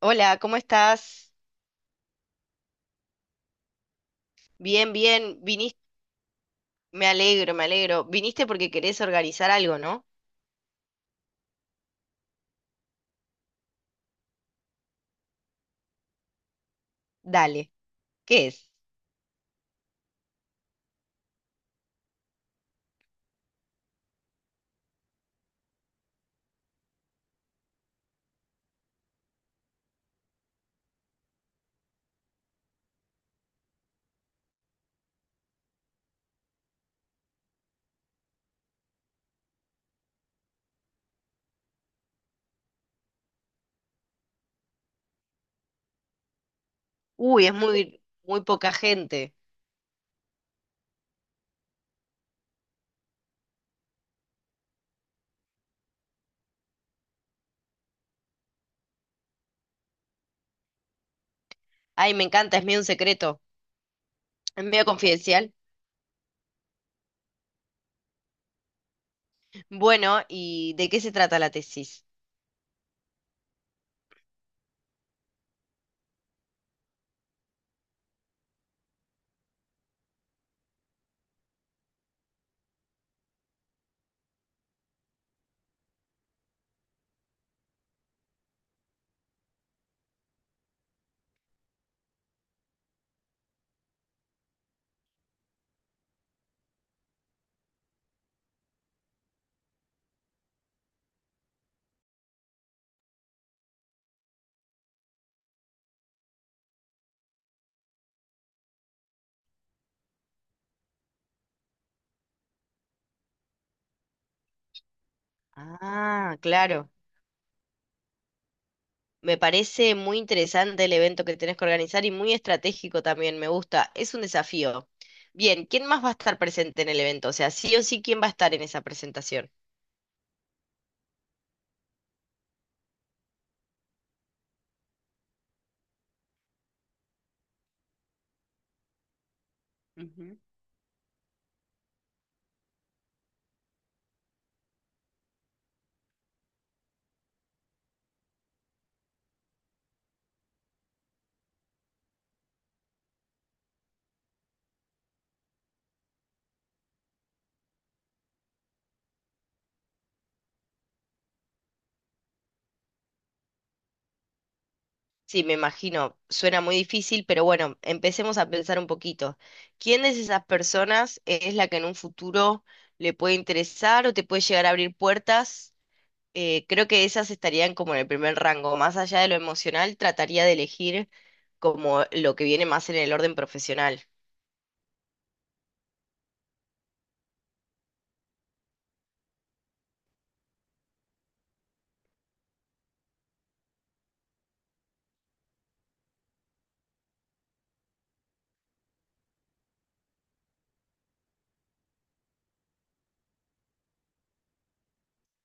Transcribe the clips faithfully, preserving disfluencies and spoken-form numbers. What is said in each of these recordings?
Hola, ¿cómo estás? Bien, bien. Viniste, me alegro, me alegro. Viniste porque querés organizar algo, ¿no? Dale. ¿Qué es? Uy, es muy, muy poca gente. Ay, me encanta, es medio un secreto, es medio confidencial. Bueno, ¿y de qué se trata la tesis? Ah, claro. Me parece muy interesante el evento que tenés que organizar y muy estratégico también, me gusta. Es un desafío. Bien, ¿quién más va a estar presente en el evento? O sea, sí o sí, ¿quién va a estar en esa presentación? Ujú. Sí, me imagino, suena muy difícil, pero bueno, empecemos a pensar un poquito. ¿Quién de esas personas es la que en un futuro le puede interesar o te puede llegar a abrir puertas? Eh, creo que esas estarían como en el primer rango. Más allá de lo emocional, trataría de elegir como lo que viene más en el orden profesional.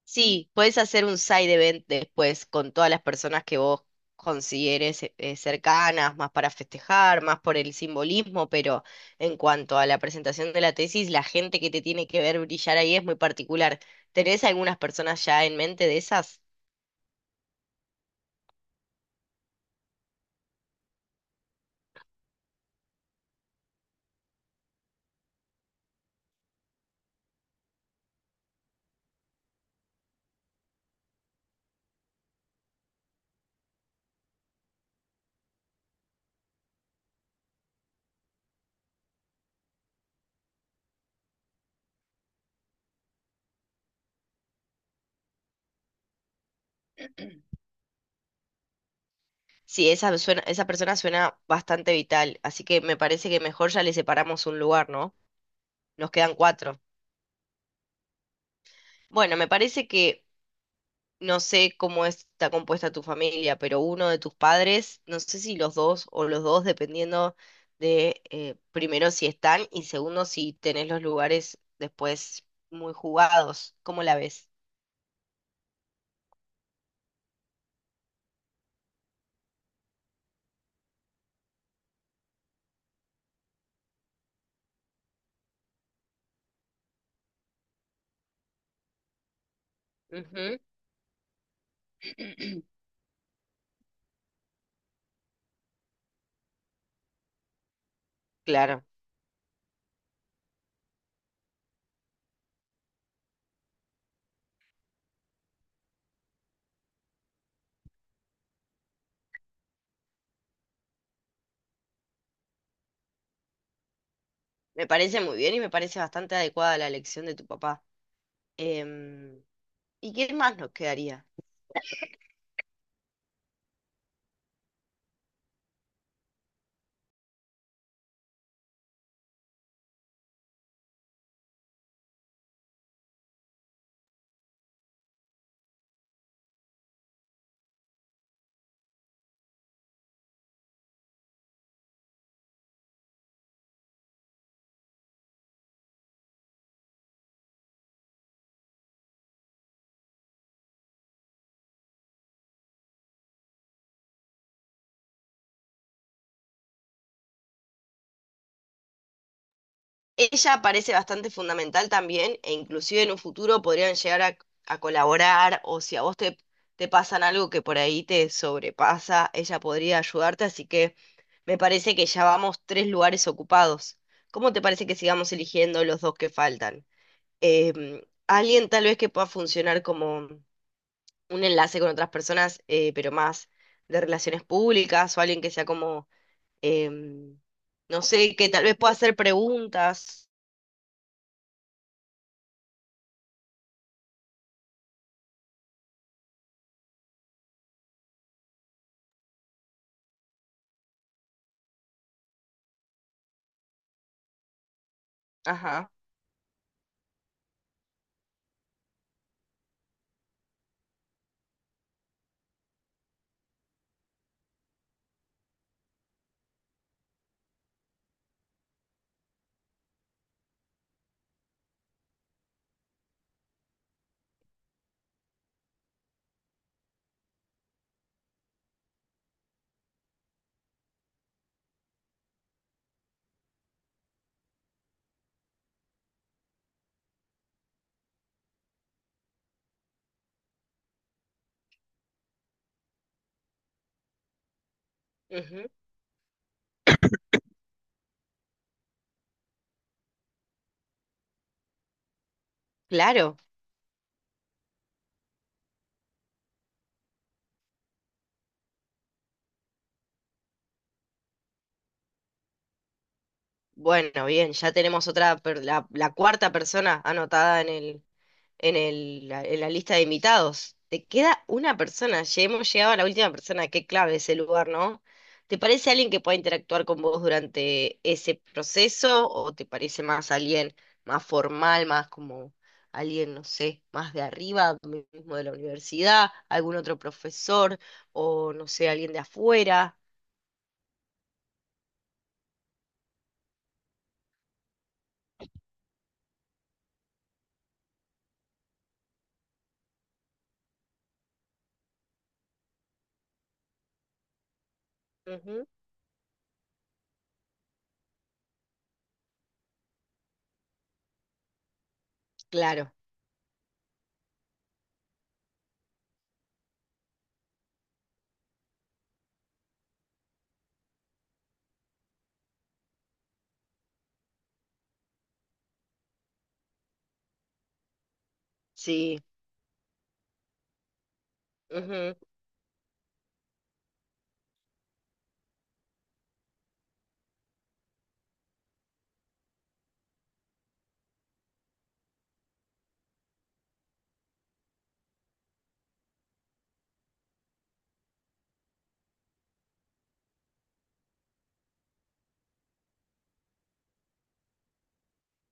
Sí, puedes hacer un side event después con todas las personas que vos consideres eh, eh, cercanas, más para festejar, más por el simbolismo, pero en cuanto a la presentación de la tesis, la gente que te tiene que ver brillar ahí es muy particular. ¿Tenés algunas personas ya en mente de esas? Sí, esa suena- esa persona suena bastante vital, así que me parece que mejor ya le separamos un lugar, ¿no? Nos quedan cuatro. Bueno, me parece que no sé cómo está compuesta tu familia, pero uno de tus padres, no sé si los dos o los dos, dependiendo de eh, primero si están y segundo si tenés los lugares después muy jugados. ¿Cómo la ves? Ujú. Claro, me parece muy bien y me parece bastante adecuada la elección de tu papá. Em, ¿Y qué más nos quedaría? Ella parece bastante fundamental también e inclusive en un futuro podrían llegar a, a colaborar o si a vos te, te pasan algo que por ahí te sobrepasa, ella podría ayudarte, así que me parece que ya vamos tres lugares ocupados. ¿Cómo te parece que sigamos eligiendo los dos que faltan? Em, Alguien tal vez que pueda funcionar como un enlace con otras personas, eh, pero más de relaciones públicas o alguien que sea como, em, no sé, que tal vez pueda hacer preguntas. Ajá. Ujú. Claro. Bueno, bien, ya tenemos otra, per- la, la cuarta persona anotada en el, en el, la- en la lista de invitados. Te queda una persona, ya hemos llegado a la última persona, qué clave ese lugar, ¿no? ¿Te parece alguien que pueda interactuar con vos durante ese proceso o te parece más alguien más formal, más como alguien, no sé, más de arriba, mismo de la universidad, algún otro profesor o, no sé, alguien de afuera? Ujú. Claro, sí. Ujú.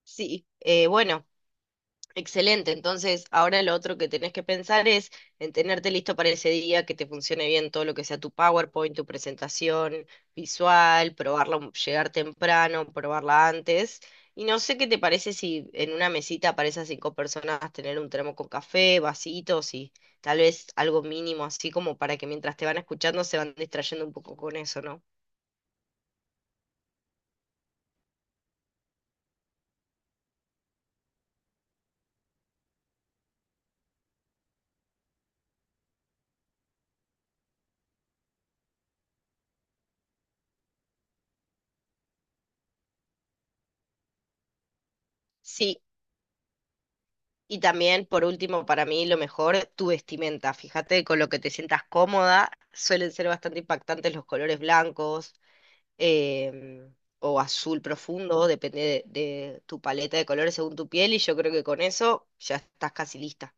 Sí, Eh, bueno, excelente. Entonces, ahora lo otro que tenés que pensar es en tenerte listo para ese día, que te funcione bien todo lo que sea tu power point, tu presentación visual, probarla, un- llegar temprano, probarla antes. Y no sé qué te parece si en una mesita para esas cinco personas tener un termo con café, vasitos y tal vez algo mínimo así como para que mientras te van escuchando se van distrayendo un poco con eso, ¿no? Sí. Y también, por último, para mí lo mejor, tu vestimenta. Fíjate con lo que te sientas cómoda. Suelen ser bastante impactantes los colores blancos, em, o azul profundo, depende de, de tu paleta de colores según tu piel. Y yo creo que con eso ya estás casi lista.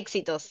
Éxitos.